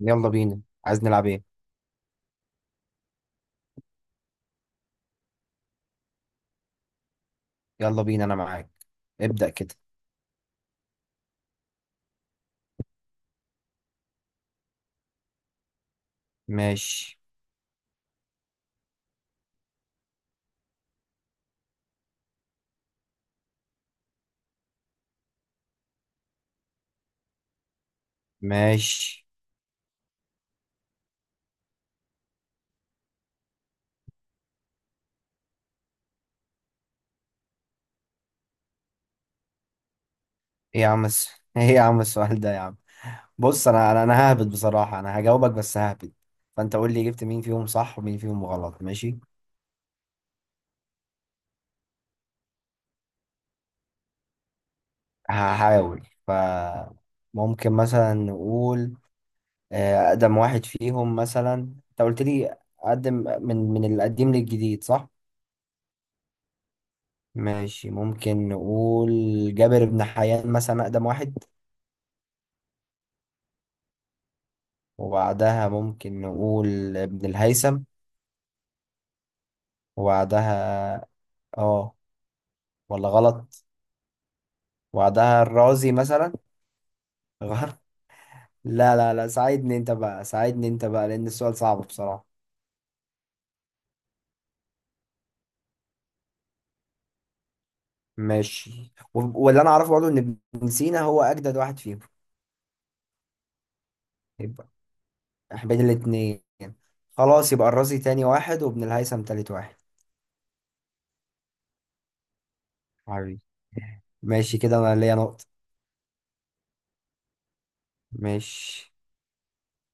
يلا بينا. عايز نلعب ايه؟ يلا بينا، انا معاك. ابدأ كده. ماشي. ماشي. ايه يا عم ايه يا عم السؤال ده يا عم. بص، انا ههبد، بصراحة انا هجاوبك بس ههبد. فانت قول لي جبت مين فيهم صح ومين فيهم غلط. ماشي. هحاول. ممكن مثلا نقول اقدم واحد فيهم مثلا. انت قلت لي اقدم، من القديم للجديد، صح؟ ماشي. ممكن نقول جابر بن حيان مثلا، اقدم واحد. وبعدها ممكن نقول ابن الهيثم. وبعدها اه، ولا غلط؟ وبعدها الرازي مثلا. غلط. لا لا لا، ساعدني انت بقى، ساعدني انت بقى، لان السؤال صعب بصراحة. ماشي، واللي انا اعرفه برضه ان ابن سينا هو اجدد واحد فيهم. يبقى احنا بين الاتنين. خلاص، يبقى الرازي تاني واحد وابن الهيثم تالت واحد. حبيبي. ماشي كده، انا ليا نقطة. ماشي.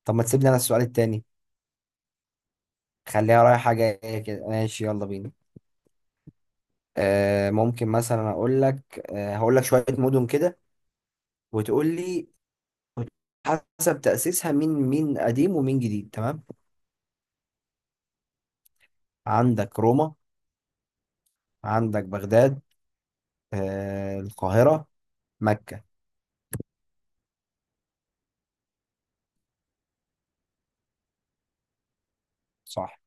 طب ما تسيب لي انا السؤال التاني؟ خليها رايحة جاية كده، ماشي، يلا بينا. ممكن مثلا اقول لك، هقول لك شويه مدن كده، وتقول لي حسب تاسيسها، مين مين قديم ومين جديد. تمام. عندك روما. عندك بغداد. القاهره. مكه. صح.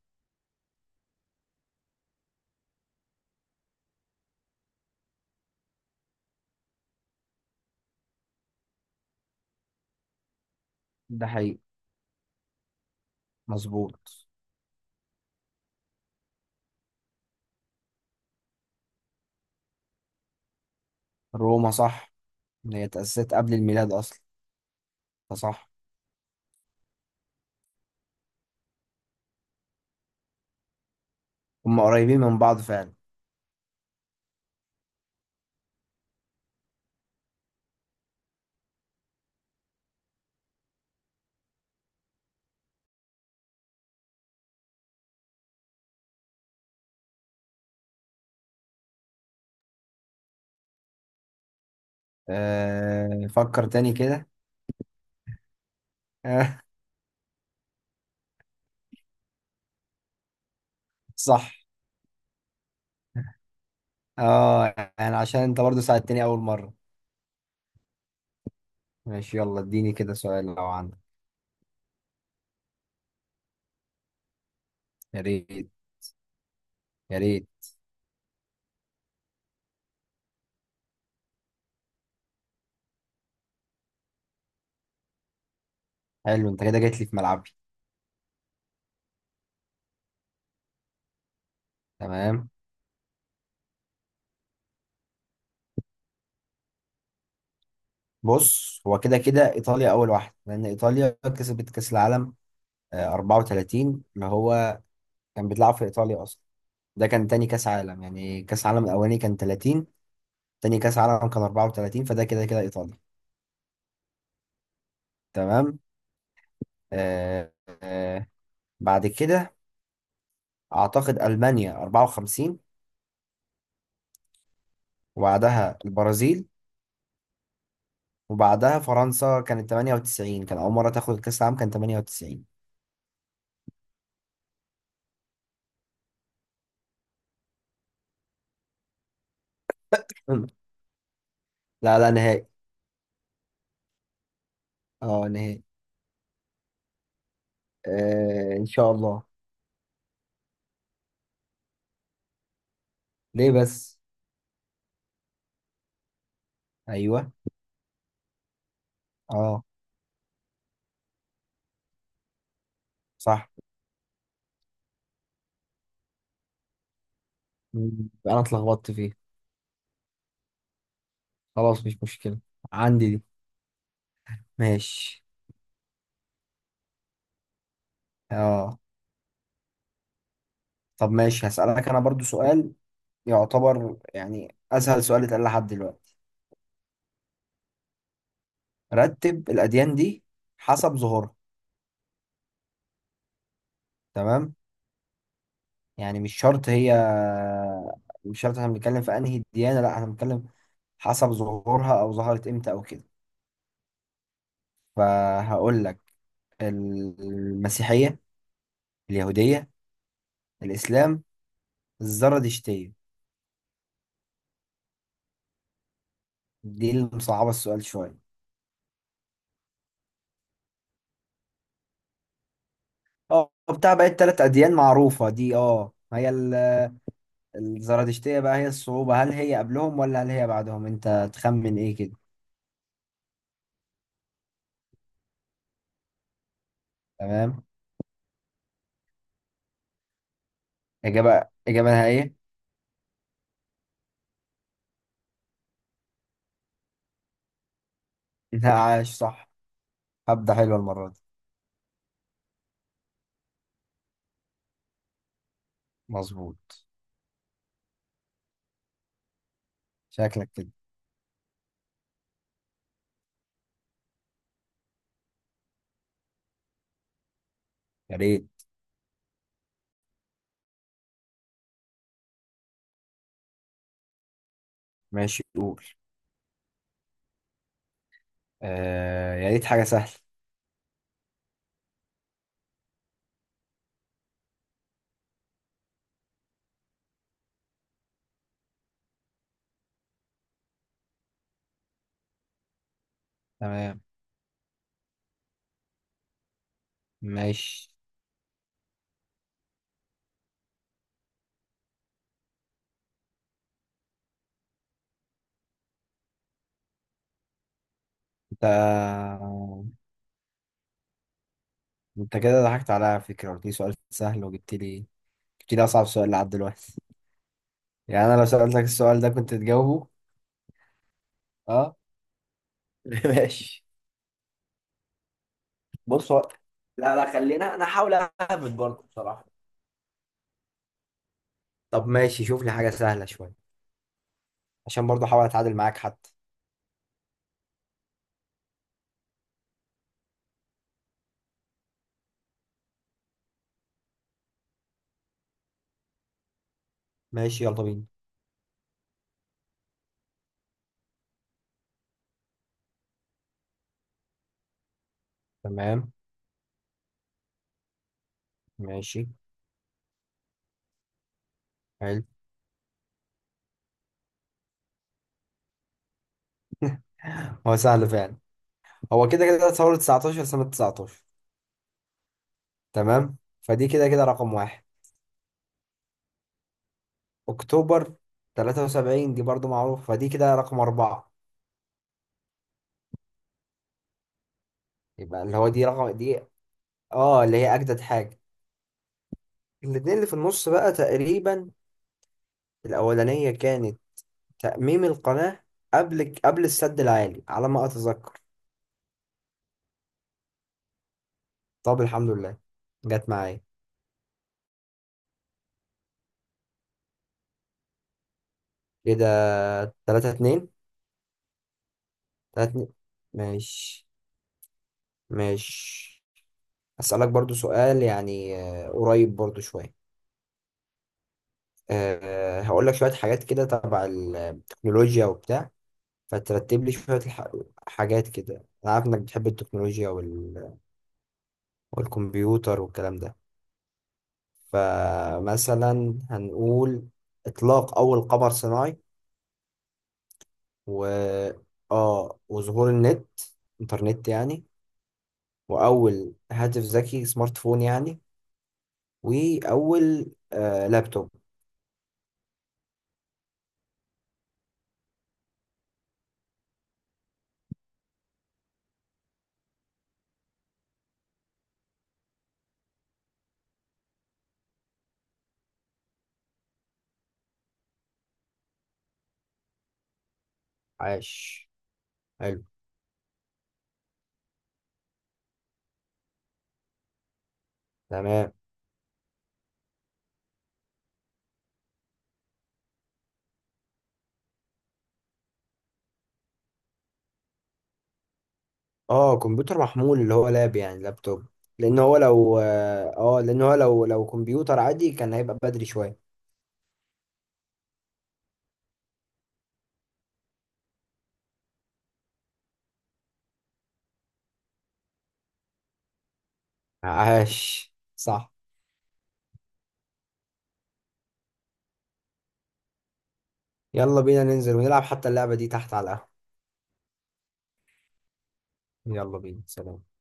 ده حقيقي. مظبوط. روما صح، إن هي تاسست قبل الميلاد اصلا، فصح. هم قريبين من بعض فعلا. فكر تاني كده. صح. اه، يعني عشان انت برضو ساعدتني اول مره. ماشي، يلا اديني كده سؤال لو عندك. يا ريت. يا ريت. حلو، انت كده جيت لي في ملعبي. تمام. بص، هو كده كده ايطاليا اول واحده، لان ايطاليا كسبت كاس العالم 34، اللي هو كان بيتلعب في ايطاليا اصلا. ده كان تاني كاس عالم، يعني كاس العالم الاولاني كان 30، تاني كاس عالم كان 34، فده كده كده ايطاليا. تمام. آه آه بعد كده اعتقد المانيا 54. وبعدها البرازيل. وبعدها فرنسا كانت 98، كان اول مره تاخد كاس العالم، كان 98. لا لا نهائي. اه نهائي. آه ان شاء الله. ليه بس؟ ايوه. اه. صح. انا اتلخبطت فيه. خلاص، مش مشكله. عندي دي. ماشي. اه. طب ماشي، هسألك انا برضو سؤال، يعتبر يعني اسهل سؤال اتقال لحد دلوقتي. رتب الاديان دي حسب ظهورها. تمام. يعني مش شرط هي، مش شرط احنا بنتكلم في انهي ديانه، لا، احنا بنتكلم حسب ظهورها، او ظهرت امتى او كده. فهقول لك المسيحيه، اليهوديه، الاسلام، الزردشتية. دي اللي مصعبة السؤال شوية. اه، بتاع بقى التلات أديان معروفة دي. اه، هي الزردشتية بقى هي الصعوبة. هل هي قبلهم ولا هل هي بعدهم؟ انت تخمن ايه كده؟ تمام. إجابة، إجابة نهائية. لا، عاش صح. هبدأ حلوة المرة دي. مظبوط. شكلك كده. يا ريت. ماشي قول. آه، يا ريت حاجة سهلة. تمام. ماشي. انت انت كده ضحكت عليا على فكرة، قلت لي سؤال سهل وجبت لي، جبت لي أصعب سؤال لحد دلوقتي. يعني انا لو سألتك السؤال ده كنت تجاوبه؟ اه. ماشي. بص، لا لا، خلينا انا احاول اهبط برضه بصراحه. طب ماشي، شوف لي حاجة سهلة شوية، عشان برضه احاول اتعادل معاك حتى. ماشي، يلا بينا. تمام. ماشي. حلو. هو سهل فعلا. هو كده كده ثورة 19 سنة 19. تمام، فدي كده كده رقم واحد. اكتوبر 73 دي برضه معروفة، فدي كده رقم أربعة. يبقى اللي هو دي، رقم دي، اه، اللي هي أجدد حاجة. الاتنين اللي في النص بقى تقريبا، الأولانية كانت تأميم القناة، قبل السد العالي على ما أتذكر. طب الحمد لله جت معايا. كده. تلاتة اتنين. تلاتة اتنين. ماشي. ماشي. أسألك برضو سؤال، يعني قريب برضو شوية. أه، هقول لك شوية حاجات كده تبع التكنولوجيا وبتاع، فترتب لي شوية حاجات كده. أنا عارف إنك بتحب التكنولوجيا والكمبيوتر والكلام ده. فمثلا هنقول إطلاق أول قمر صناعي، و اه وظهور النت، انترنت يعني، واول هاتف ذكي، سمارت فون يعني، واول لابتوب. عاش. حلو. تمام. اه، كمبيوتر محمول اللي هو لاب، يعني لابتوب. لان هو لو اه آه، لان هو لو لو كمبيوتر عادي كان هيبقى بدري شويه. عاش صح. يلا بينا ننزل ونلعب حتى اللعبة دي تحت على القهوة. يلا بينا، سلام.